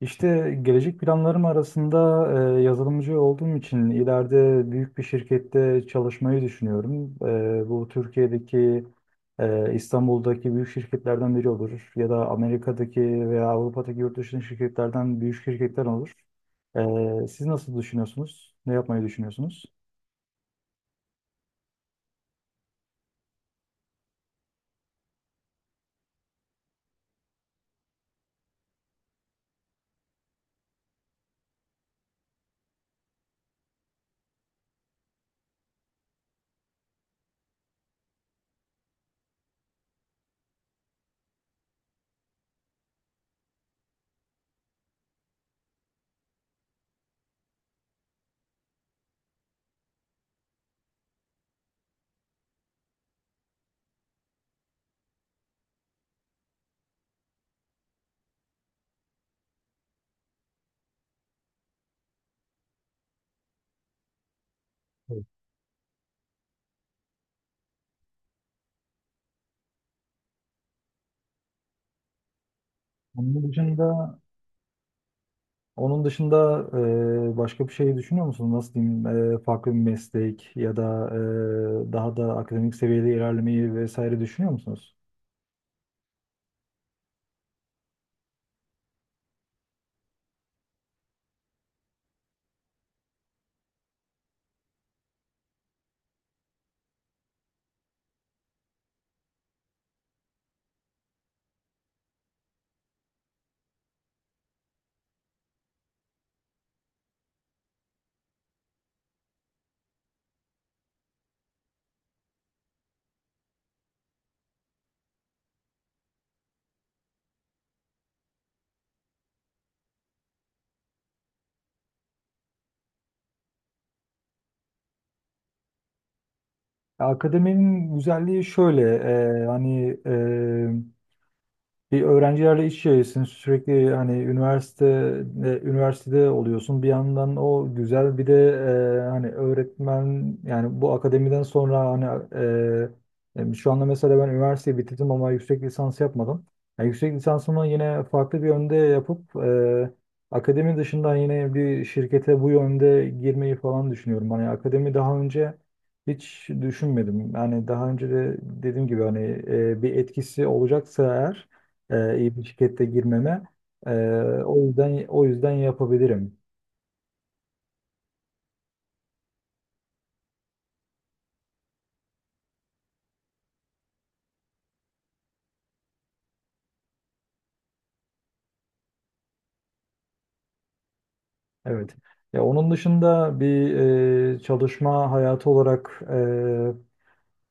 İşte gelecek planlarım arasında yazılımcı olduğum için ileride büyük bir şirkette çalışmayı düşünüyorum. Bu Türkiye'deki, İstanbul'daki büyük şirketlerden biri olur ya da Amerika'daki veya Avrupa'daki yurt dışındaki şirketlerden büyük şirketler olur. Siz nasıl düşünüyorsunuz? Ne yapmayı düşünüyorsunuz? Evet. Onun dışında Onun dışında başka bir şey düşünüyor musun? Nasıl diyeyim? Farklı bir meslek ya da daha da akademik seviyede ilerlemeyi vesaire düşünüyor musunuz? Akademinin güzelliği şöyle, hani bir öğrencilerle iç içesin sürekli hani üniversitede oluyorsun bir yandan o güzel bir de hani öğretmen yani bu akademiden sonra hani şu anda mesela ben üniversiteyi bitirdim ama yüksek lisans yapmadım. Yani yüksek lisansımı yine farklı bir yönde yapıp akademi dışından yine bir şirkete bu yönde girmeyi falan düşünüyorum. Hani akademi daha önce hiç düşünmedim. Yani daha önce de dediğim gibi hani bir etkisi olacaksa eğer iyi bir şirkette girmeme. E, o yüzden yapabilirim. Evet. Ya onun dışında bir çalışma hayatı olarak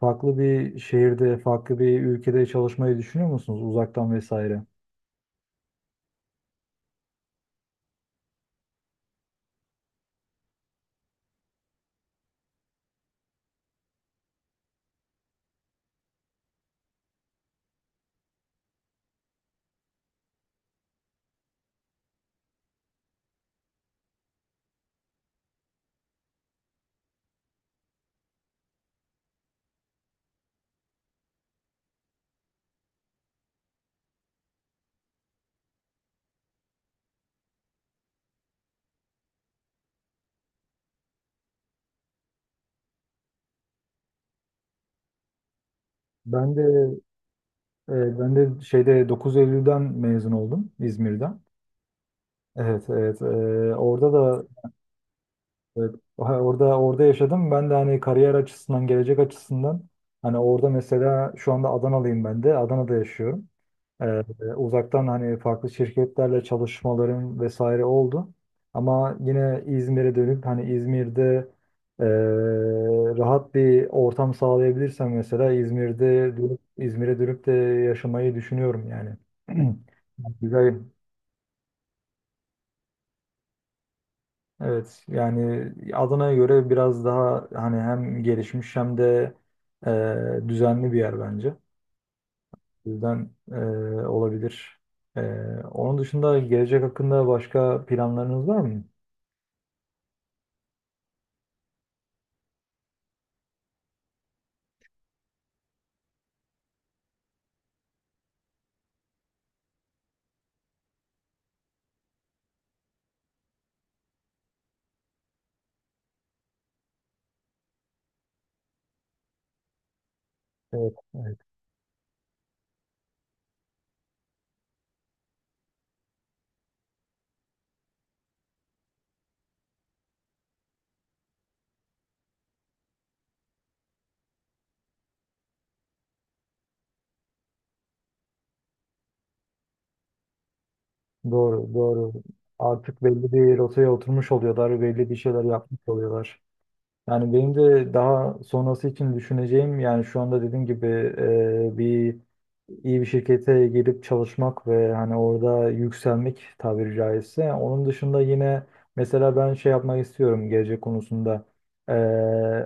farklı bir şehirde, farklı bir ülkede çalışmayı düşünüyor musunuz uzaktan vesaire? Ben de ben de şeyde 9 Eylül'den mezun oldum İzmir'den. Evet, evet. Orada da evet, ha, orada yaşadım. Ben de hani kariyer açısından, gelecek açısından hani orada mesela şu anda Adanalıyım ben de. Adana'da yaşıyorum. Ee, Uzaktan hani farklı şirketlerle çalışmalarım vesaire oldu. Ama yine İzmir'e dönüp hani İzmir'de ee, rahat bir ortam sağlayabilirsem mesela İzmir'de dönüp İzmir'e dönüp de yaşamayı düşünüyorum yani. Güzel. Evet yani Adana'ya göre biraz daha hani hem gelişmiş hem de düzenli bir yer bence. O yüzden olabilir. E, Onun dışında gelecek hakkında başka planlarınız var mı? Evet, evet. Doğru, doğru. Artık belli bir rotaya oturmuş oluyorlar, belli bir şeyler yapmış oluyorlar. Yani benim de daha sonrası için düşüneceğim yani şu anda dediğim gibi e, bir iyi bir şirkete girip çalışmak ve hani orada yükselmek tabiri caizse. Onun dışında yine mesela ben şey yapmak istiyorum gelecek konusunda. E,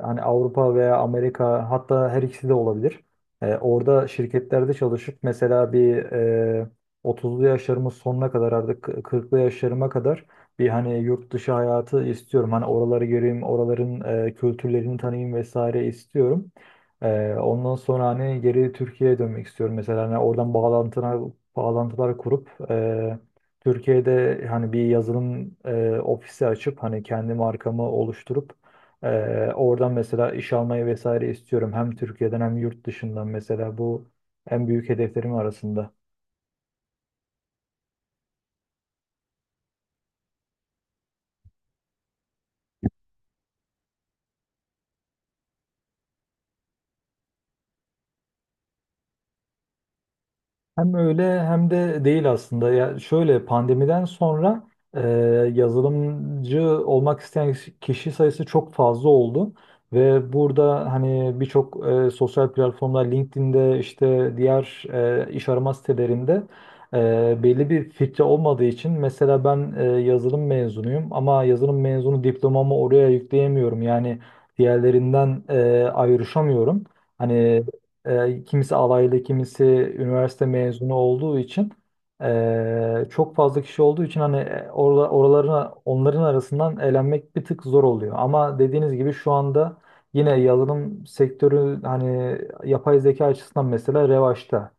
Hani Avrupa veya Amerika hatta her ikisi de olabilir. Orada şirketlerde çalışıp mesela bir 30'lu yaşlarımın sonuna kadar artık 40'lı yaşlarıma kadar bir hani yurt dışı hayatı istiyorum. Hani oraları göreyim, oraların kültürlerini tanıyayım vesaire istiyorum. Ondan sonra hani geri Türkiye'ye dönmek istiyorum. Mesela hani oradan bağlantılar kurup Türkiye'de hani bir yazılım ofisi açıp hani kendi markamı oluşturup e, oradan mesela iş almayı vesaire istiyorum. Hem Türkiye'den hem yurt dışından mesela bu en büyük hedeflerim arasında. Hem öyle hem de değil aslında. Ya şöyle pandemiden sonra e, yazılımcı olmak isteyen kişi sayısı çok fazla oldu ve burada hani birçok sosyal platformlar LinkedIn'de işte diğer iş arama sitelerinde belli bir filtre olmadığı için mesela ben yazılım mezunuyum ama yazılım mezunu diplomamı oraya yükleyemiyorum. Yani diğerlerinden ayrışamıyorum. Hani kimisi alaylı, kimisi üniversite mezunu olduğu için çok fazla kişi olduğu için hani oralarına onların arasından elenmek bir tık zor oluyor. Ama dediğiniz gibi şu anda yine yazılım sektörü hani yapay zeka açısından mesela revaçta.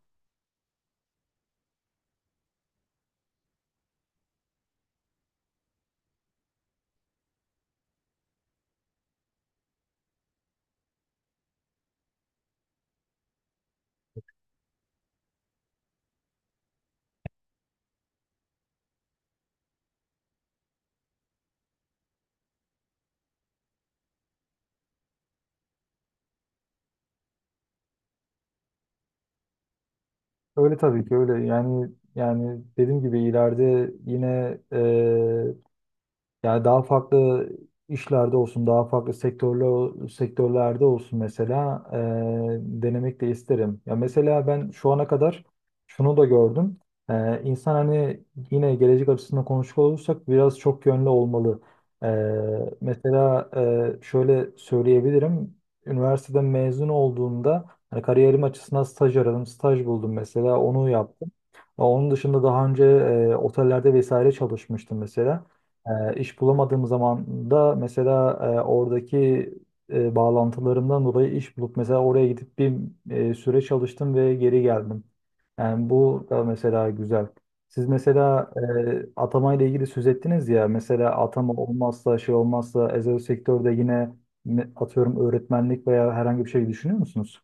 Öyle tabii ki öyle yani dediğim gibi ileride yine yani daha farklı işlerde olsun, daha farklı sektörlerde olsun mesela denemek de isterim. Ya mesela ben şu ana kadar şunu da gördüm. İnsan hani yine gelecek açısından konuşacak olursak biraz çok yönlü olmalı. Mesela şöyle söyleyebilirim. Üniversiteden mezun olduğumda hani kariyerim açısından staj aradım, staj buldum mesela onu yaptım. Onun dışında daha önce otellerde vesaire çalışmıştım mesela. İş bulamadığım zaman da mesela oradaki bağlantılarımdan dolayı iş bulup mesela oraya gidip bir süre çalıştım ve geri geldim. Yani bu da mesela güzel. Siz mesela atama ile ilgili söz ettiniz ya mesela atama olmazsa şey olmazsa özel sektörde yine atıyorum öğretmenlik veya herhangi bir şey düşünüyor musunuz?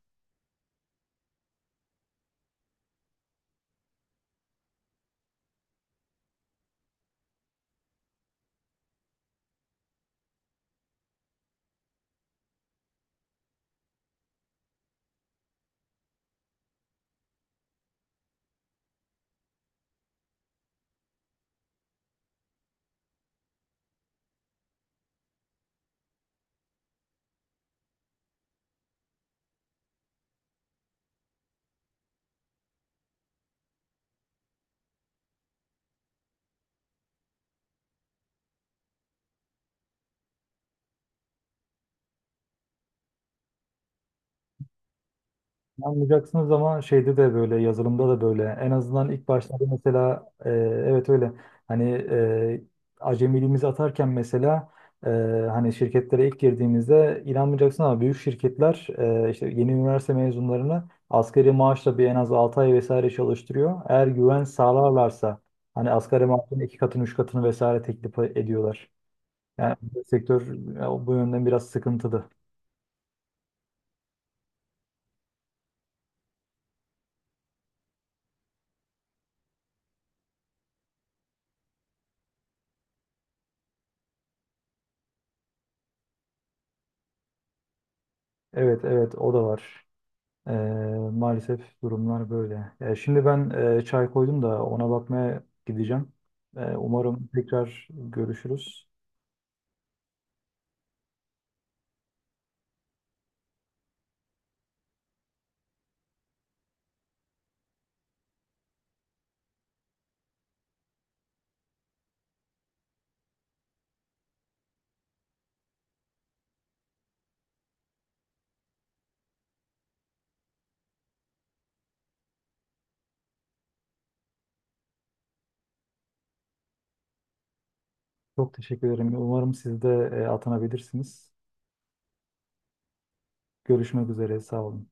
Anlayacaksınız ama şeyde de böyle yazılımda da böyle en azından ilk başlarda mesela evet öyle hani acemiliğimizi atarken mesela e, hani şirketlere ilk girdiğimizde inanmayacaksın ama büyük şirketler işte yeni üniversite mezunlarını asgari maaşla bir en az 6 ay vesaire çalıştırıyor. Eğer güven sağlarlarsa hani asgari maaşın iki katını üç katını vesaire teklif ediyorlar. Yani sektör bu yönden biraz sıkıntılı. Evet evet o da var. Ee, Maalesef durumlar böyle. Şimdi ben çay koydum da ona bakmaya gideceğim. Umarım tekrar görüşürüz. Çok teşekkür ederim. Umarım siz de atanabilirsiniz. Görüşmek üzere. Sağ olun.